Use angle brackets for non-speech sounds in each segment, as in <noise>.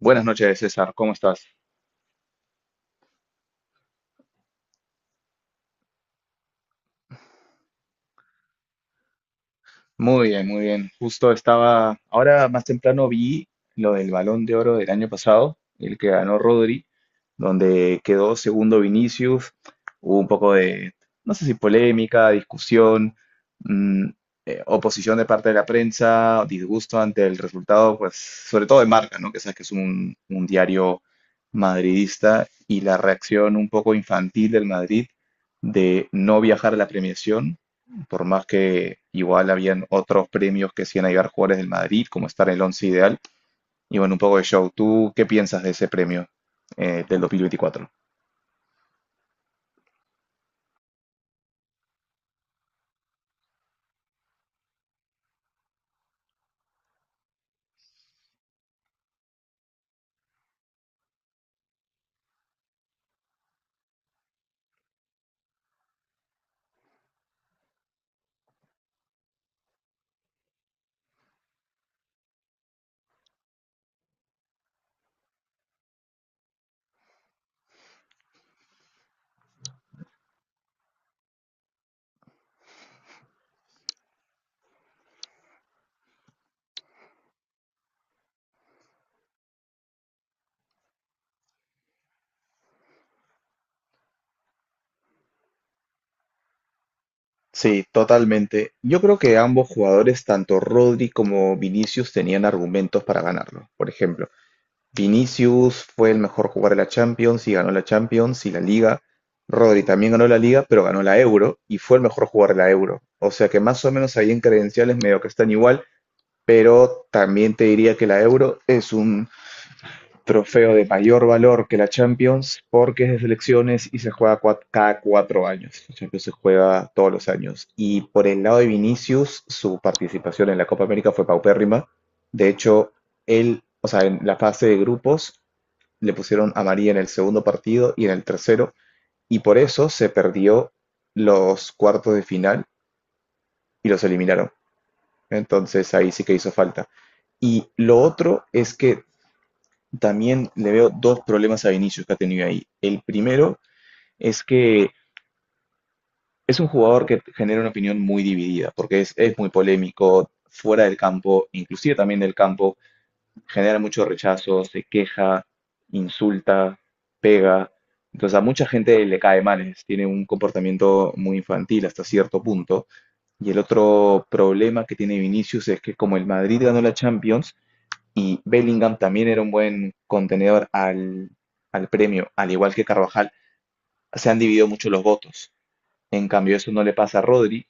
Buenas noches, César. ¿Cómo estás? Muy bien, muy bien. Justo estaba, ahora más temprano vi lo del Balón de Oro del año pasado, el que ganó Rodri, donde quedó segundo Vinicius. Hubo un poco de, no sé si polémica, discusión, mm, oposición de parte de la prensa, disgusto ante el resultado, pues sobre todo de Marca, ¿no? Que sabes que es un diario madridista, y la reacción un poco infantil del Madrid de no viajar a la premiación, por más que igual habían otros premios que hacían llegar jugadores del Madrid, como estar en el once ideal. Y bueno, un poco de show. ¿Tú qué piensas de ese premio del 2024? Sí, totalmente. Yo creo que ambos jugadores, tanto Rodri como Vinicius, tenían argumentos para ganarlo. Por ejemplo, Vinicius fue el mejor jugador de la Champions y ganó la Champions y la Liga. Rodri también ganó la Liga, pero ganó la Euro y fue el mejor jugador de la Euro. O sea que más o menos ahí en credenciales medio que están igual. Pero también te diría que la Euro es un trofeo de mayor valor que la Champions, porque es de selecciones y se juega cada 4 años. La Champions se juega todos los años. Y por el lado de Vinicius, su participación en la Copa América fue paupérrima. De hecho, él, o sea, en la fase de grupos le pusieron amarilla en el segundo partido y en el tercero, y por eso se perdió los cuartos de final y los eliminaron. Entonces ahí sí que hizo falta. Y lo otro es que también le veo dos problemas a Vinicius que ha tenido ahí. El primero es que es un jugador que genera una opinión muy dividida, porque es muy polémico fuera del campo, inclusive también del campo, genera mucho rechazo, se queja, insulta, pega. Entonces a mucha gente le cae mal, tiene un comportamiento muy infantil hasta cierto punto. Y el otro problema que tiene Vinicius es que como el Madrid ganó la Champions, y Bellingham también era un buen contenedor al, al premio, al igual que Carvajal, se han dividido mucho los votos. En cambio, eso no le pasa a Rodri,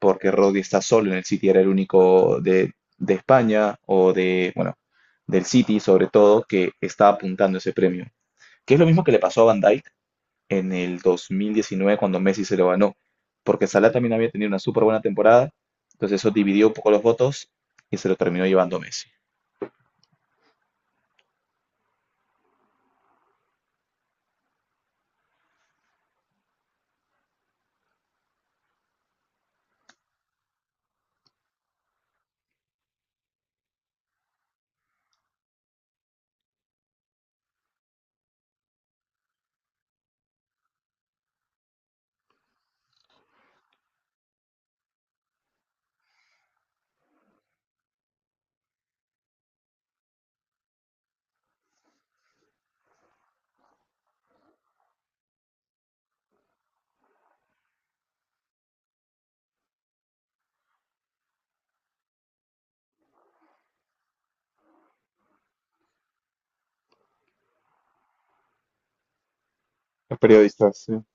porque Rodri está solo en el City, era el único de España o de, bueno, del City sobre todo, que está apuntando ese premio. Que es lo mismo que le pasó a Van Dijk en el 2019, cuando Messi se lo ganó, porque Salah también había tenido una súper buena temporada, entonces eso dividió un poco los votos y se lo terminó llevando Messi. Sí.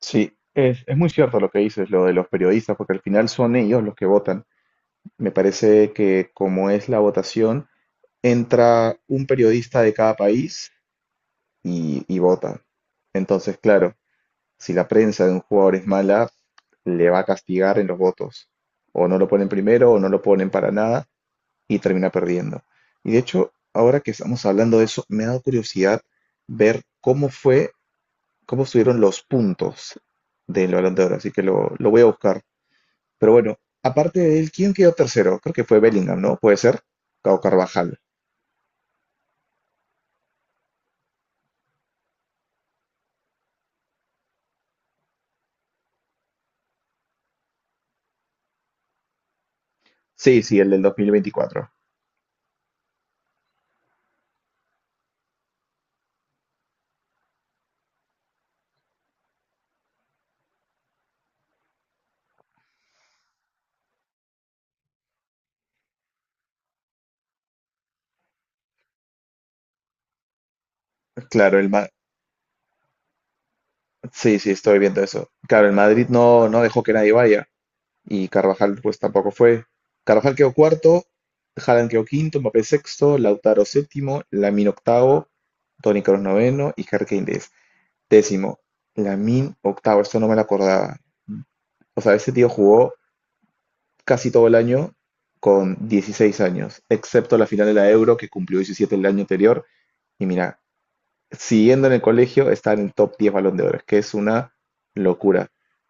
Sí, es muy cierto lo que dices, lo de los periodistas, porque al final son ellos los que votan. Me parece que como es la votación, entra un periodista de cada país y vota. Entonces, claro, si la prensa de un jugador es mala, le va a castigar en los votos. O no lo ponen primero o no lo ponen para nada y termina perdiendo. Y de hecho, ahora que estamos hablando de eso, me ha dado curiosidad ver cómo fue, cómo estuvieron los puntos del Balón de Oro, así que lo voy a buscar. Pero bueno, aparte de él, ¿quién quedó tercero? Creo que fue Bellingham, ¿no? ¿Puede ser? Cabo Carvajal. Sí, sí, el del dos mil veinticuatro. Claro, el sí, sí, estoy viendo eso. Claro, el Madrid no dejó que nadie vaya, y Carvajal pues tampoco fue. Carvajal quedó cuarto, Haaland quedó quinto, Mbappé sexto, Lautaro séptimo, Lamine octavo, Toni Kroos noveno y Harry Kane décimo. Lamine octavo, esto no me lo acordaba. O sea, ese tío jugó casi todo el año con 16 años, excepto la final de la Euro que cumplió 17 el año anterior. Y mira, siguiendo en el colegio, está en el top 10 Balón de Oro, que es una locura. <laughs>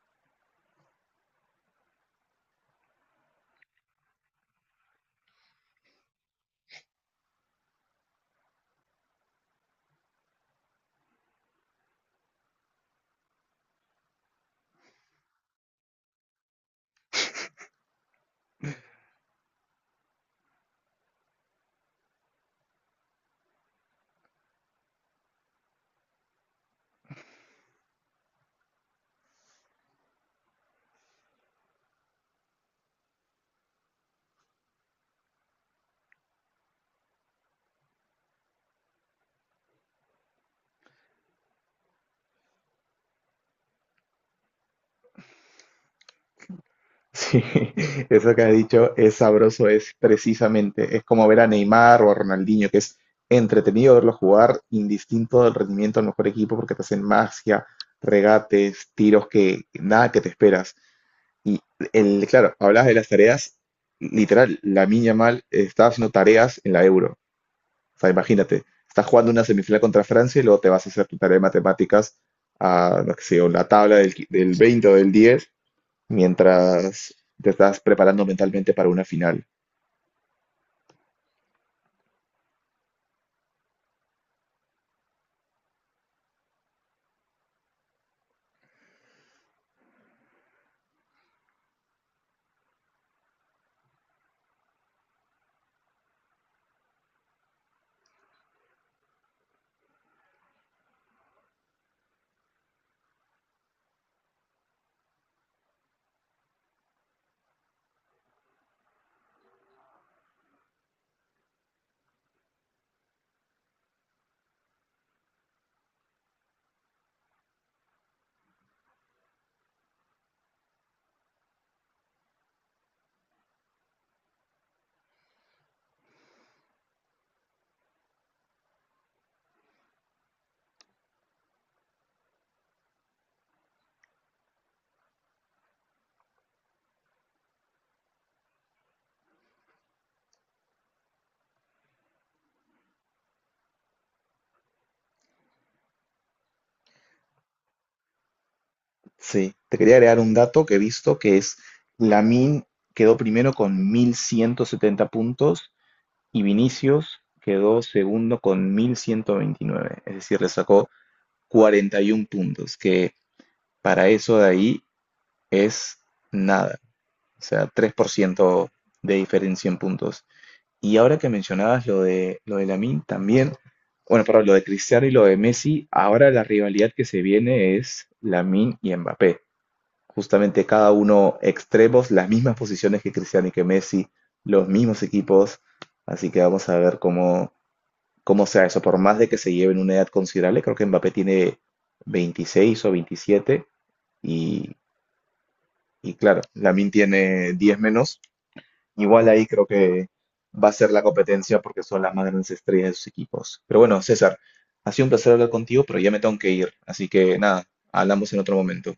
Sí, eso que has dicho, es sabroso, es precisamente, es como ver a Neymar o a Ronaldinho, que es entretenido verlo jugar, indistinto del rendimiento del mejor equipo, porque te hacen magia, regates, tiros que nada que te esperas. El, claro, hablabas de las tareas, literal, la mía mal estaba haciendo tareas en la Euro. O sea, imagínate, estás jugando una semifinal contra Francia y luego te vas a hacer tu tarea de matemáticas a, no sé, o la tabla del, del 20 o del 10 mientras te estás preparando mentalmente para una final. Sí, te quería agregar un dato que he visto, que es Lamin quedó primero con 1.170 puntos y Vinicius quedó segundo con 1.129. Es decir, le sacó 41 puntos, que para eso de ahí es nada, o sea, 3% de diferencia en puntos. Y ahora que mencionabas lo de Lamine también, bueno, perdón, lo de Cristiano y lo de Messi, ahora la rivalidad que se viene es Lamine y Mbappé. Justamente cada uno extremos, las mismas posiciones que Cristiano y que Messi, los mismos equipos, así que vamos a ver cómo como sea eso. Por más de que se lleven una edad considerable, creo que Mbappé tiene 26 o 27 y, y claro, Lamine tiene 10 menos. Igual ahí creo que va a ser la competencia, porque son las más grandes estrellas de sus equipos. Pero bueno, César, ha sido un placer hablar contigo, pero ya me tengo que ir, así que nada, hablamos en otro momento.